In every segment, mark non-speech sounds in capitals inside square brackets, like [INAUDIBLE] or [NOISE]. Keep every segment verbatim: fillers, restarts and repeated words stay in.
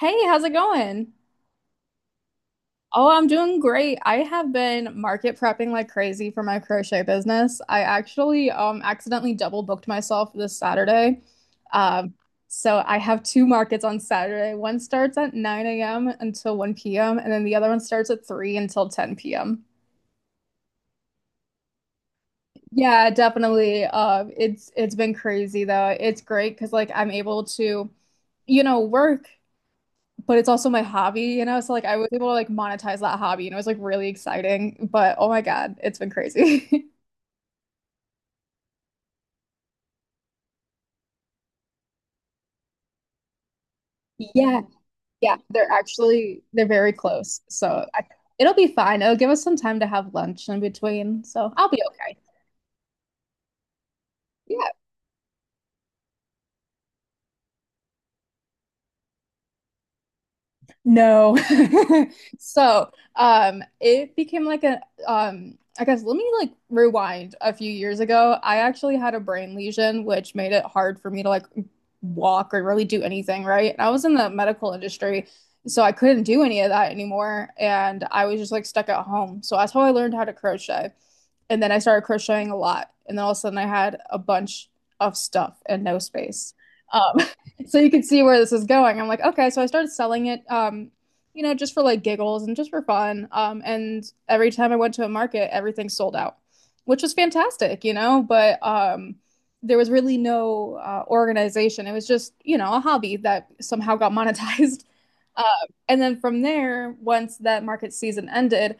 Hey, how's it going? Oh, I'm doing great. I have been market prepping like crazy for my crochet business. I actually um accidentally double booked myself this Saturday. Um, so I have two markets on Saturday. One starts at nine a m until one p m, and then the other one starts at three until ten p m. Yeah, definitely. Uh, it's it's been crazy though. It's great because like I'm able to, you know, work but it's also my hobby, you know? So like I was able to like monetize that hobby and it was like really exciting. But oh my God, it's been crazy. [LAUGHS] Yeah, yeah, they're actually they're very close. So I, it'll be fine. It'll give us some time to have lunch in between. So I'll be okay. Yeah. No. [LAUGHS] So, um, it became like a, um, I guess let me like rewind a few years ago. I actually had a brain lesion, which made it hard for me to like walk or really do anything, right? And I was in the medical industry, so I couldn't do any of that anymore. And I was just like stuck at home. So that's how I learned how to crochet. And then I started crocheting a lot. And then all of a sudden I had a bunch of stuff and no space. Um, so you can see where this is going. I'm like, okay, so I started selling it, um, you know, just for like giggles and just for fun. Um, and every time I went to a market, everything sold out, which was fantastic, you know, but um, there was really no uh, organization. It was just, you know, a hobby that somehow got [LAUGHS] monetized. Uh, and then from there, once that market season ended,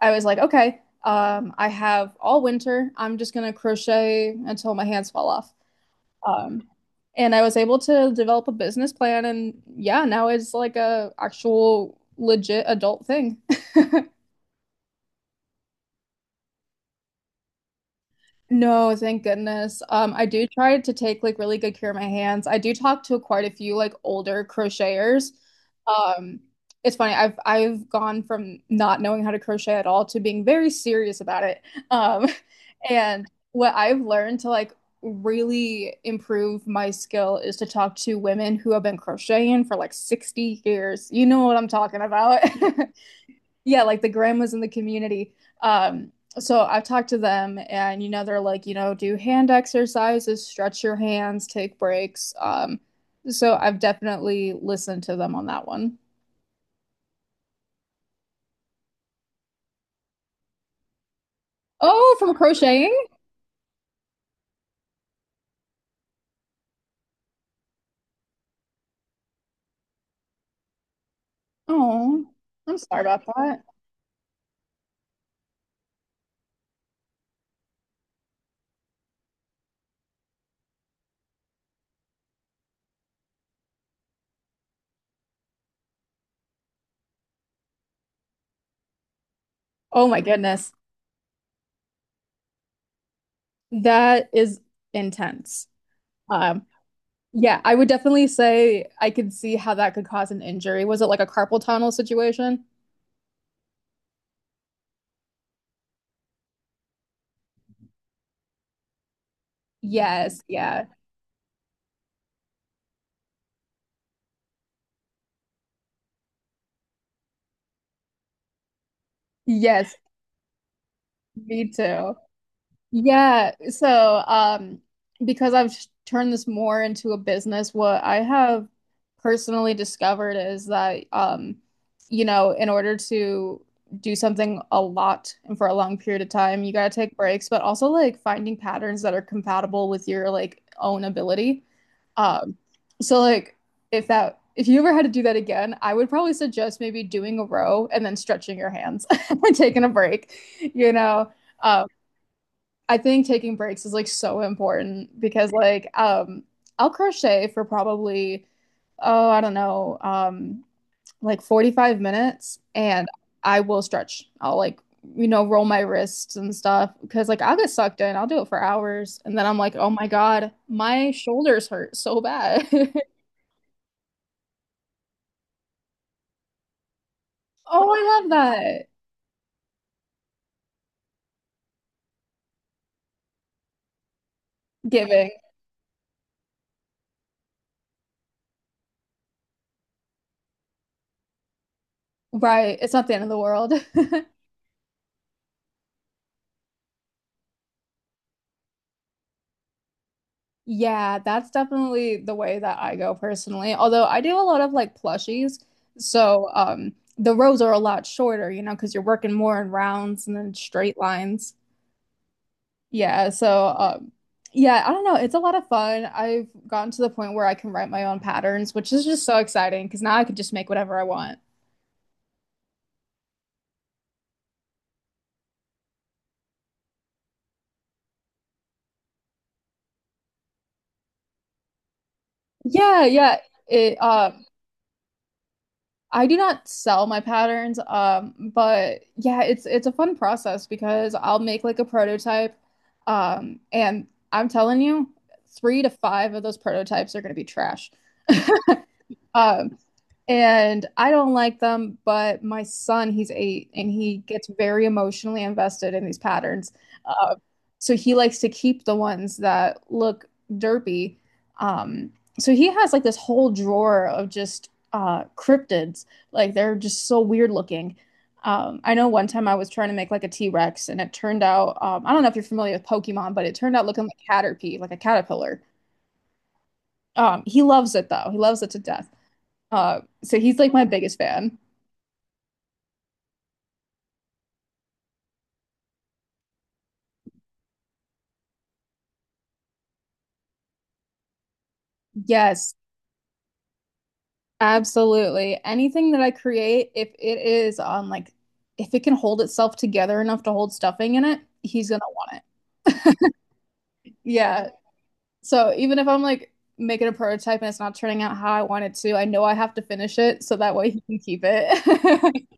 I was like, okay, um, I have all winter. I'm just gonna crochet until my hands fall off. Um, and I was able to develop a business plan and yeah, now it's like a actual legit adult thing. [LAUGHS] No, thank goodness. Um, I do try to take like really good care of my hands. I do talk to quite a few like older crocheters. Um, it's funny. I've I've gone from not knowing how to crochet at all to being very serious about it. Um, [LAUGHS] and what I've learned to like really improve my skill is to talk to women who have been crocheting for like sixty years. You know what I'm talking about. [LAUGHS] Yeah, like the grandmas in the community. Um, so I've talked to them, and you know, they're like, you know, do hand exercises, stretch your hands, take breaks. Um, so I've definitely listened to them on that one. Oh, from crocheting? Oh, I'm sorry about that. Oh my goodness. That is intense. Um, yeah, I would definitely say I could see how that could cause an injury. Was it like a carpal tunnel situation? Yes, yeah. Yes, me too. Yeah, so um, because I've sh- turned this more into a business, what I have personally discovered is that um, you know, in order to do something a lot and for a long period of time, you gotta take breaks, but also like finding patterns that are compatible with your like own ability. Um, so like if that if you ever had to do that again, I would probably suggest maybe doing a row and then stretching your hands [LAUGHS] and taking a break, you know. Um, I think taking breaks is like so important because like um I'll crochet for probably oh I don't know um like forty-five minutes and I will stretch. I'll like you know roll my wrists and stuff because like I'll get sucked in. I'll do it for hours and then I'm like, "Oh my God, my shoulders hurt so bad." [LAUGHS] Oh, I love that. Giving. Right. It's not the end of the world. [LAUGHS] Yeah, that's definitely the way that I go personally. Although I do a lot of like plushies. So, um, the rows are a lot shorter, you know, because you're working more in rounds and then straight lines. Yeah, so um, yeah, I don't know. It's a lot of fun. I've gotten to the point where I can write my own patterns, which is just so exciting because now I can just make whatever I want. Yeah, yeah. It uh, I do not sell my patterns, um, but yeah, it's it's a fun process because I'll make like a prototype, um, and I'm telling you, three to five of those prototypes are going to be trash. [LAUGHS] Um, and I don't like them, but my son, he's eight and he gets very emotionally invested in these patterns. Uh, so he likes to keep the ones that look derpy. Um, so he has like this whole drawer of just uh, cryptids. Like they're just so weird looking. Um, I know one time I was trying to make like a T-Rex and it turned out, um, I don't know if you're familiar with Pokemon, but it turned out looking like Caterpie, like a caterpillar. Um, he loves it though. He loves it to death. Uh, so he's like my biggest fan. Yes, absolutely. Anything that I create, if it is on like, if it can hold itself together enough to hold stuffing in it, he's gonna want it. Yeah. So even if I'm like making a prototype and it's not turning out how I want it to, I know I have to finish it so that way he can keep it. [LAUGHS]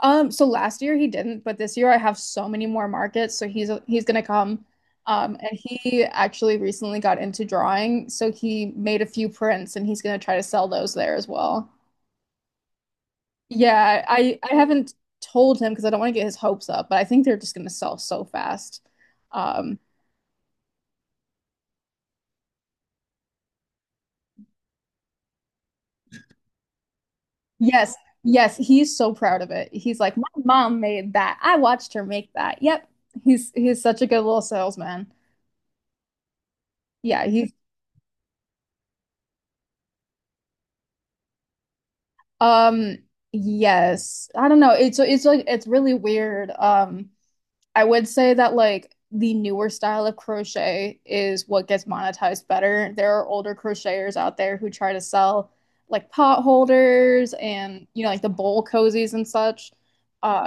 Um, so last year he didn't, but this year I have so many more markets, so he's he's gonna come. Um, and he actually recently got into drawing, so he made a few prints and he's gonna try to sell those there as well. Yeah, I I haven't told him because I don't want to get his hopes up, but I think they're just gonna sell so fast. Um, yes, yes, he's so proud of it. He's like, my mom made that. I watched her make that. Yep. He's he's such a good little salesman. Yeah, he's um yes. I don't know. It's it's like it's really weird. Um I would say that like the newer style of crochet is what gets monetized better. There are older crocheters out there who try to sell like pot holders and you know like the bowl cozies and such. Uh,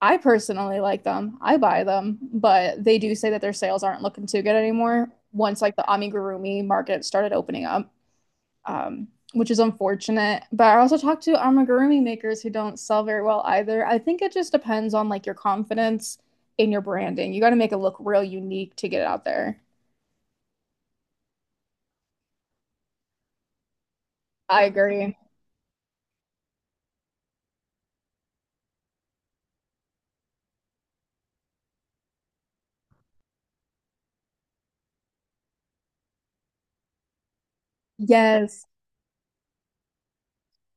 I personally like them. I buy them, but they do say that their sales aren't looking too good anymore once like the amigurumi market started opening up um, which is unfortunate. But I also talked to amigurumi makers who don't sell very well either. I think it just depends on like your confidence in your branding. You got to make it look real unique to get it out there. I agree. Yes.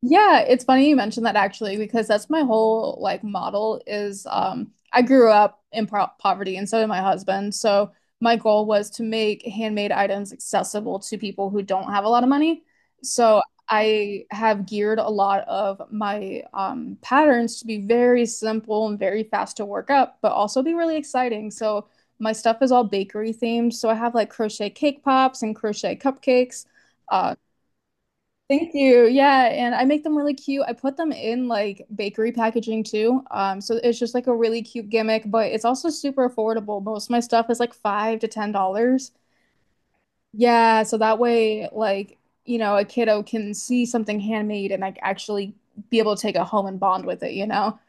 Yeah, it's funny you mentioned that actually, because that's my whole like model is um I grew up in pro poverty and so did my husband. So my goal was to make handmade items accessible to people who don't have a lot of money. So I have geared a lot of my um, patterns to be very simple and very fast to work up, but also be really exciting. So my stuff is all bakery themed. So I have like crochet cake pops and crochet cupcakes uh, Thank you. Yeah, and I make them really cute. I put them in like bakery packaging too. Um, so it's just like a really cute gimmick, but it's also super affordable. Most of my stuff is like five to ten dollars. Yeah, so that way, like, you know, a kiddo can see something handmade and like actually be able to take it home and bond with it, you know?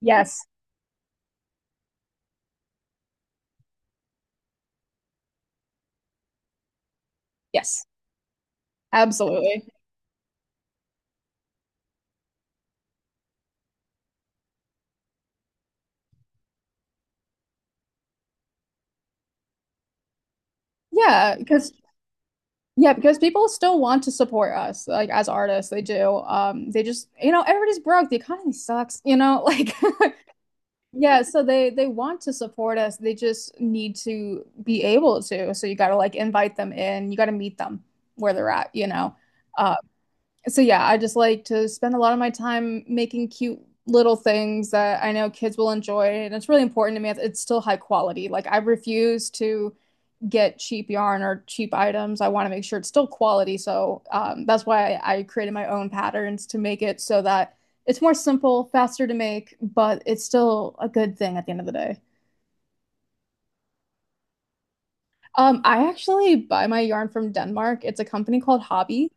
Yes. Yes. Absolutely. Yeah, because yeah, because people still want to support us, like as artists, they do. Um, they just, you know, everybody's broke. The economy sucks, you know, like [LAUGHS] Yeah, so they they want to support us. They just need to be able to. So you got to like invite them in. You got to meet them where they're at, you know. Uh, so yeah, I just like to spend a lot of my time making cute little things that I know kids will enjoy, and it's really important to me. It's it's still high quality. Like I refuse to get cheap yarn or cheap items. I want to make sure it's still quality. So um, that's why I, I created my own patterns to make it so that it's more simple, faster to make, but it's still a good thing at the end of the day. Um, I actually buy my yarn from Denmark. It's a company called Hobby.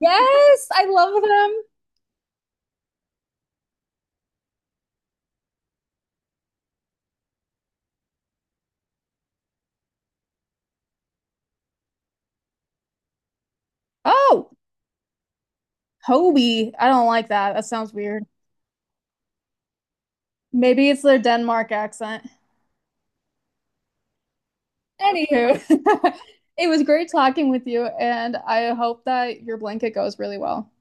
Yes, I love them. Oh, Hobie. I don't like that. That sounds weird. Maybe it's their Denmark accent. Anywho, [LAUGHS] it was great talking with you, and I hope that your blanket goes really well.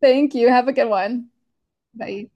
Thank you. Have a good one. Bye.